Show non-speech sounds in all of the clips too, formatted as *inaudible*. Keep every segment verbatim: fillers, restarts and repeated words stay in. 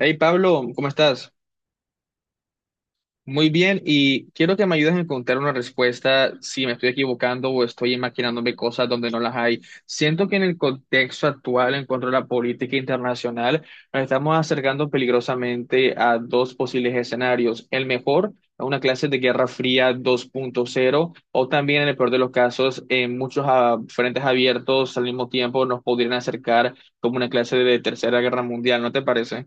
Hey Pablo, ¿cómo estás? Muy bien, y quiero que me ayudes a encontrar una respuesta si me estoy equivocando o estoy imaginándome cosas donde no las hay. Siento que en el contexto actual, en cuanto a la política internacional, nos estamos acercando peligrosamente a dos posibles escenarios. El mejor, a una clase de Guerra Fría dos punto cero, o también en el peor de los casos, en muchos ah, frentes abiertos al mismo tiempo nos podrían acercar como una clase de Tercera Guerra Mundial, ¿no te parece?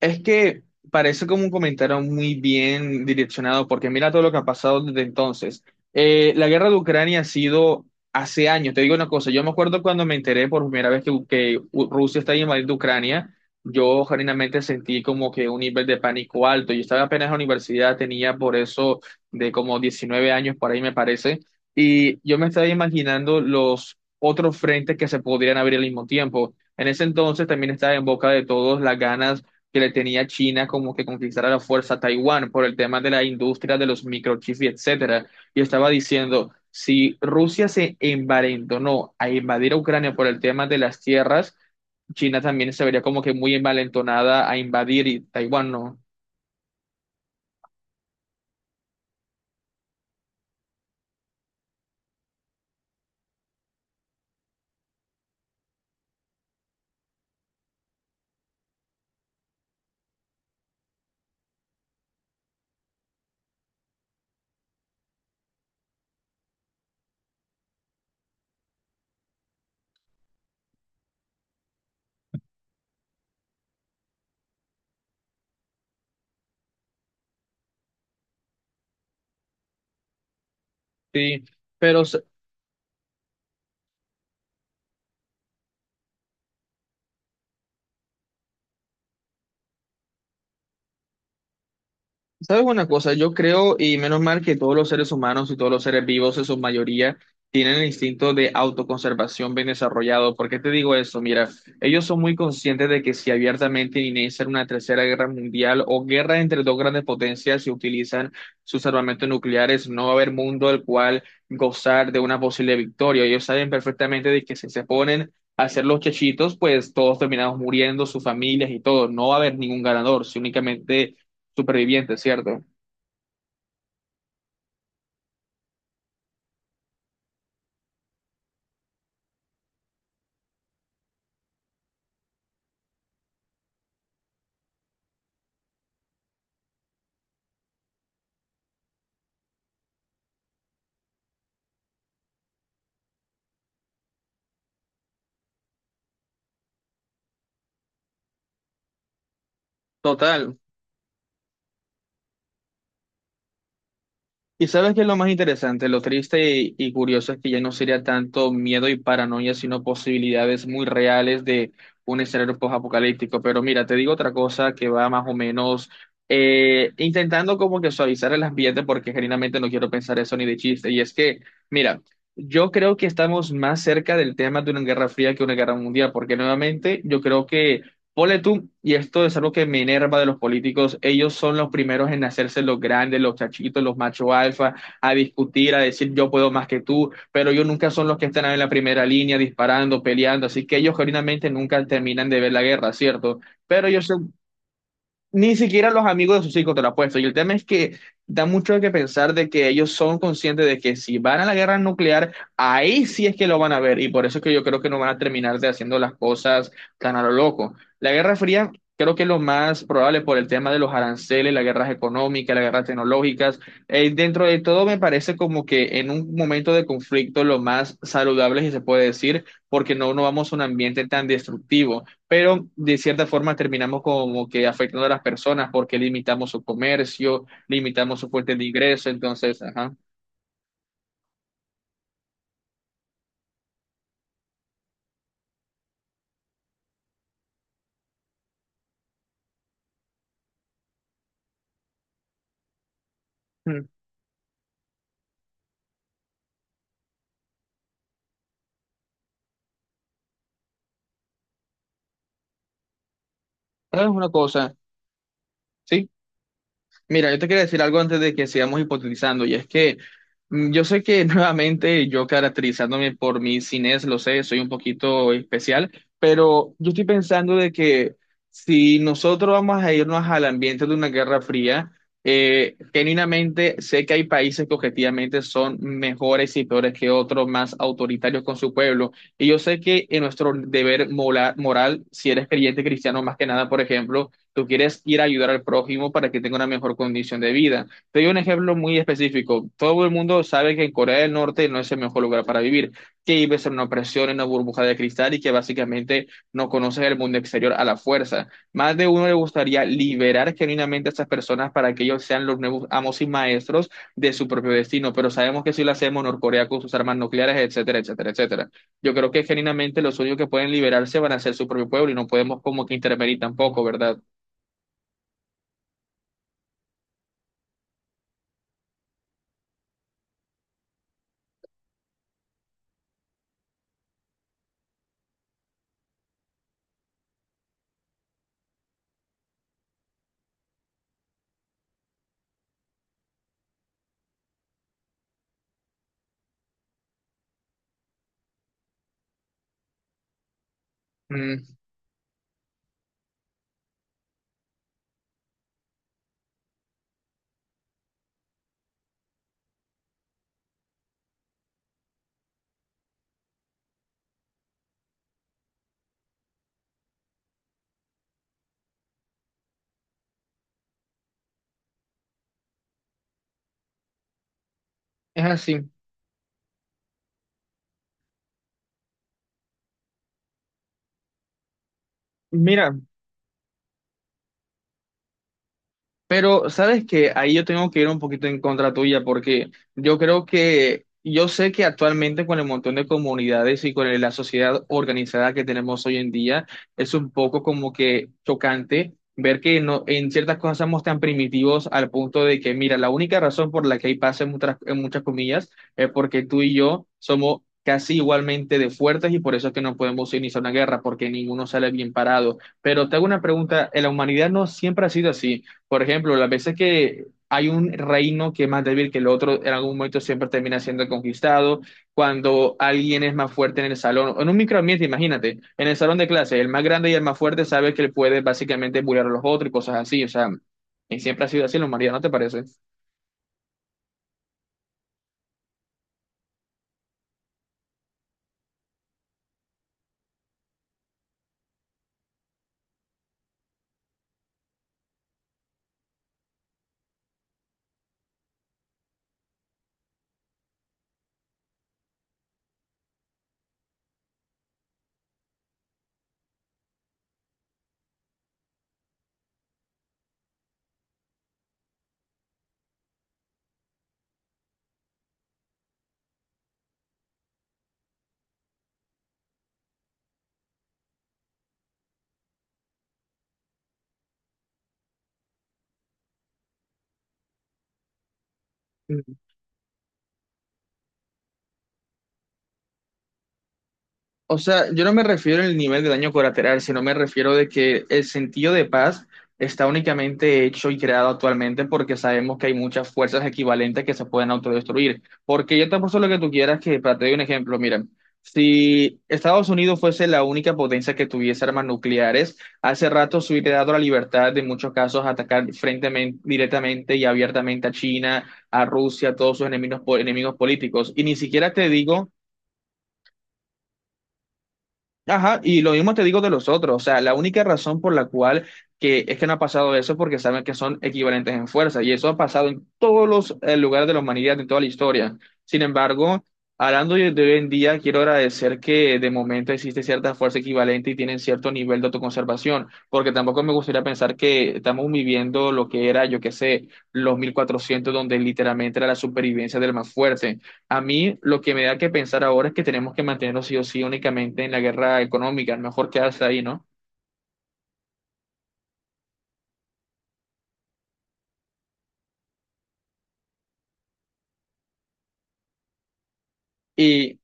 Es que parece como un comentario muy bien direccionado, porque mira todo lo que ha pasado desde entonces. Eh, la guerra de Ucrania ha sido hace años. Te digo una cosa, yo me acuerdo cuando me enteré por primera vez que, que U- Rusia está invadiendo Ucrania, yo genuinamente sentí como que un nivel de pánico alto. Yo estaba apenas en la universidad, tenía por eso de como diecinueve años por ahí me parece, y yo me estaba imaginando los otros frentes que se podrían abrir al mismo tiempo. En ese entonces también estaba en boca de todos las ganas que le tenía China como que conquistara la fuerza a Taiwán por el tema de la industria de los microchips y etcétera. Y estaba diciendo, si Rusia se envalentonó a invadir a Ucrania por el tema de las tierras, China también se vería como que muy envalentonada a invadir y Taiwán, ¿no? Sí, pero ¿sabes una cosa? Yo creo, y menos mal que todos los seres humanos y todos los seres vivos en su mayoría tienen el instinto de autoconservación bien desarrollado. ¿Por qué te digo eso? Mira, ellos son muy conscientes de que si abiertamente inician una tercera guerra mundial o guerra entre dos grandes potencias y utilizan sus armamentos nucleares, no va a haber mundo al cual gozar de una posible victoria. Ellos saben perfectamente de que si se ponen a hacer los chechitos, pues todos terminamos muriendo, sus familias y todo. No va a haber ningún ganador, si únicamente superviviente, ¿cierto? Total. Y sabes qué es lo más interesante, lo triste y, y curioso es que ya no sería tanto miedo y paranoia, sino posibilidades muy reales de un escenario post-apocalíptico. Pero mira, te digo otra cosa que va más o menos eh, intentando como que suavizar el ambiente, porque genuinamente no quiero pensar eso ni de chiste. Y es que, mira, yo creo que estamos más cerca del tema de una guerra fría que una guerra mundial, porque nuevamente yo creo que, ponle tú, y esto es algo que me enerva de los políticos, ellos son los primeros en hacerse los grandes, los chachitos, los macho alfa, a discutir, a decir yo puedo más que tú, pero ellos nunca son los que están en la primera línea disparando, peleando, así que ellos genuinamente nunca terminan de ver la guerra, ¿cierto? Pero yo, ni siquiera los amigos de sus hijos te lo apuesto. Y el tema es que da mucho que pensar de que ellos son conscientes de que si van a la guerra nuclear, ahí sí es que lo van a ver. Y por eso es que yo creo que no van a terminar de haciendo las cosas tan a lo loco. La Guerra Fría creo que es lo más probable por el tema de los aranceles, las guerras económicas, las guerras tecnológicas. Eh, dentro de todo me parece como que en un momento de conflicto lo más saludable, si se puede decir, porque no, no vamos a un ambiente tan destructivo, pero de cierta forma terminamos como que afectando a las personas porque limitamos su comercio, limitamos su fuente de ingreso, entonces, ajá. Mm. Es una cosa, sí. Mira, yo te quería decir algo antes de que sigamos hipotetizando, y es que mm, yo sé que *laughs* nuevamente yo caracterizándome por mi cines, lo sé, soy un poquito especial, pero yo estoy pensando de que si nosotros vamos a irnos al ambiente de una guerra fría, eh, genuinamente sé que hay países que objetivamente son mejores y peores que otros, más autoritarios con su pueblo, y yo sé que en nuestro deber mola- moral, si eres creyente cristiano más que nada, por ejemplo, tú quieres ir a ayudar al prójimo para que tenga una mejor condición de vida. Te doy un ejemplo muy específico. Todo el mundo sabe que en Corea del Norte no es el mejor lugar para vivir, que vives en una opresión, en una burbuja de cristal y que básicamente no conoces el mundo exterior a la fuerza. Más de uno le gustaría liberar genuinamente a esas personas para que ellos sean los nuevos amos y maestros de su propio destino, pero sabemos que si lo hacemos, Norcorea con sus armas nucleares, etcétera, etcétera, etcétera. Yo creo que genuinamente los únicos que pueden liberarse van a ser su propio pueblo y no podemos como que intervenir tampoco, ¿verdad? Mm, es así. Mira, pero sabes que ahí yo tengo que ir un poquito en contra tuya, porque yo creo que yo sé que actualmente con el montón de comunidades y con la sociedad organizada que tenemos hoy en día es un poco como que chocante ver que no, en ciertas cosas somos tan primitivos al punto de que, mira, la única razón por la que hay paz en muchas, en muchas comillas, es porque tú y yo somos casi igualmente de fuertes y por eso es que no podemos iniciar una guerra porque ninguno sale bien parado. Pero te hago una pregunta, ¿en la humanidad no siempre ha sido así? Por ejemplo, las veces que hay un reino que es más débil que el otro, en algún momento siempre termina siendo conquistado. Cuando alguien es más fuerte en el salón, o en un microambiente, imagínate, en el salón de clase, el más grande y el más fuerte sabe que él puede básicamente bullear a los otros y cosas así. O sea, y siempre ha sido así en la humanidad, ¿no te parece? O sea, yo no me refiero al nivel de daño colateral, sino me refiero de que el sentido de paz está únicamente hecho y creado actualmente porque sabemos que hay muchas fuerzas equivalentes que se pueden autodestruir. Porque yo te apuesto lo que tú quieras que, para te doy un ejemplo, mira, si Estados Unidos fuese la única potencia que tuviese armas nucleares, hace rato se hubiera dado la libertad de en muchos casos atacar frente, directamente y abiertamente a China, a Rusia, a todos sus enemigos, po- enemigos políticos. Y ni siquiera te digo, ajá, y lo mismo te digo de los otros, o sea, la única razón por la cual que es que no ha pasado eso es porque saben que son equivalentes en fuerza, y eso ha pasado en todos los eh, lugares de la humanidad, en toda la historia. Sin embargo, hablando de de hoy en día, quiero agradecer que de momento existe cierta fuerza equivalente y tienen cierto nivel de autoconservación, porque tampoco me gustaría pensar que estamos viviendo lo que era, yo qué sé, los mil cuatrocientos, donde literalmente era la supervivencia del más fuerte. A mí lo que me da que pensar ahora es que tenemos que mantenernos sí o sí únicamente en la guerra económica, mejor quedarse ahí, ¿no? Y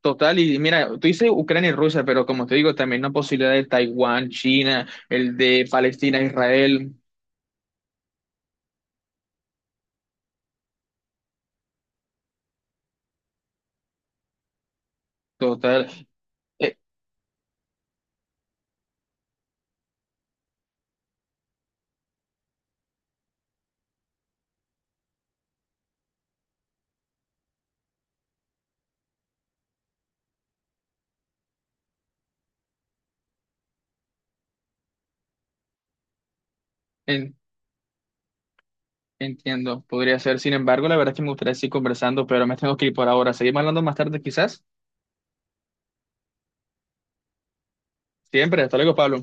total, y mira, tú dices Ucrania y Rusia, pero como te digo, también la posibilidad de Taiwán, China, el de Palestina, Israel, total. Eh, en- Entiendo, podría ser. Sin embargo, la verdad es que me gustaría seguir conversando, pero me tengo que ir por ahora. Seguimos hablando más tarde, quizás. Siempre, hasta luego, Pablo.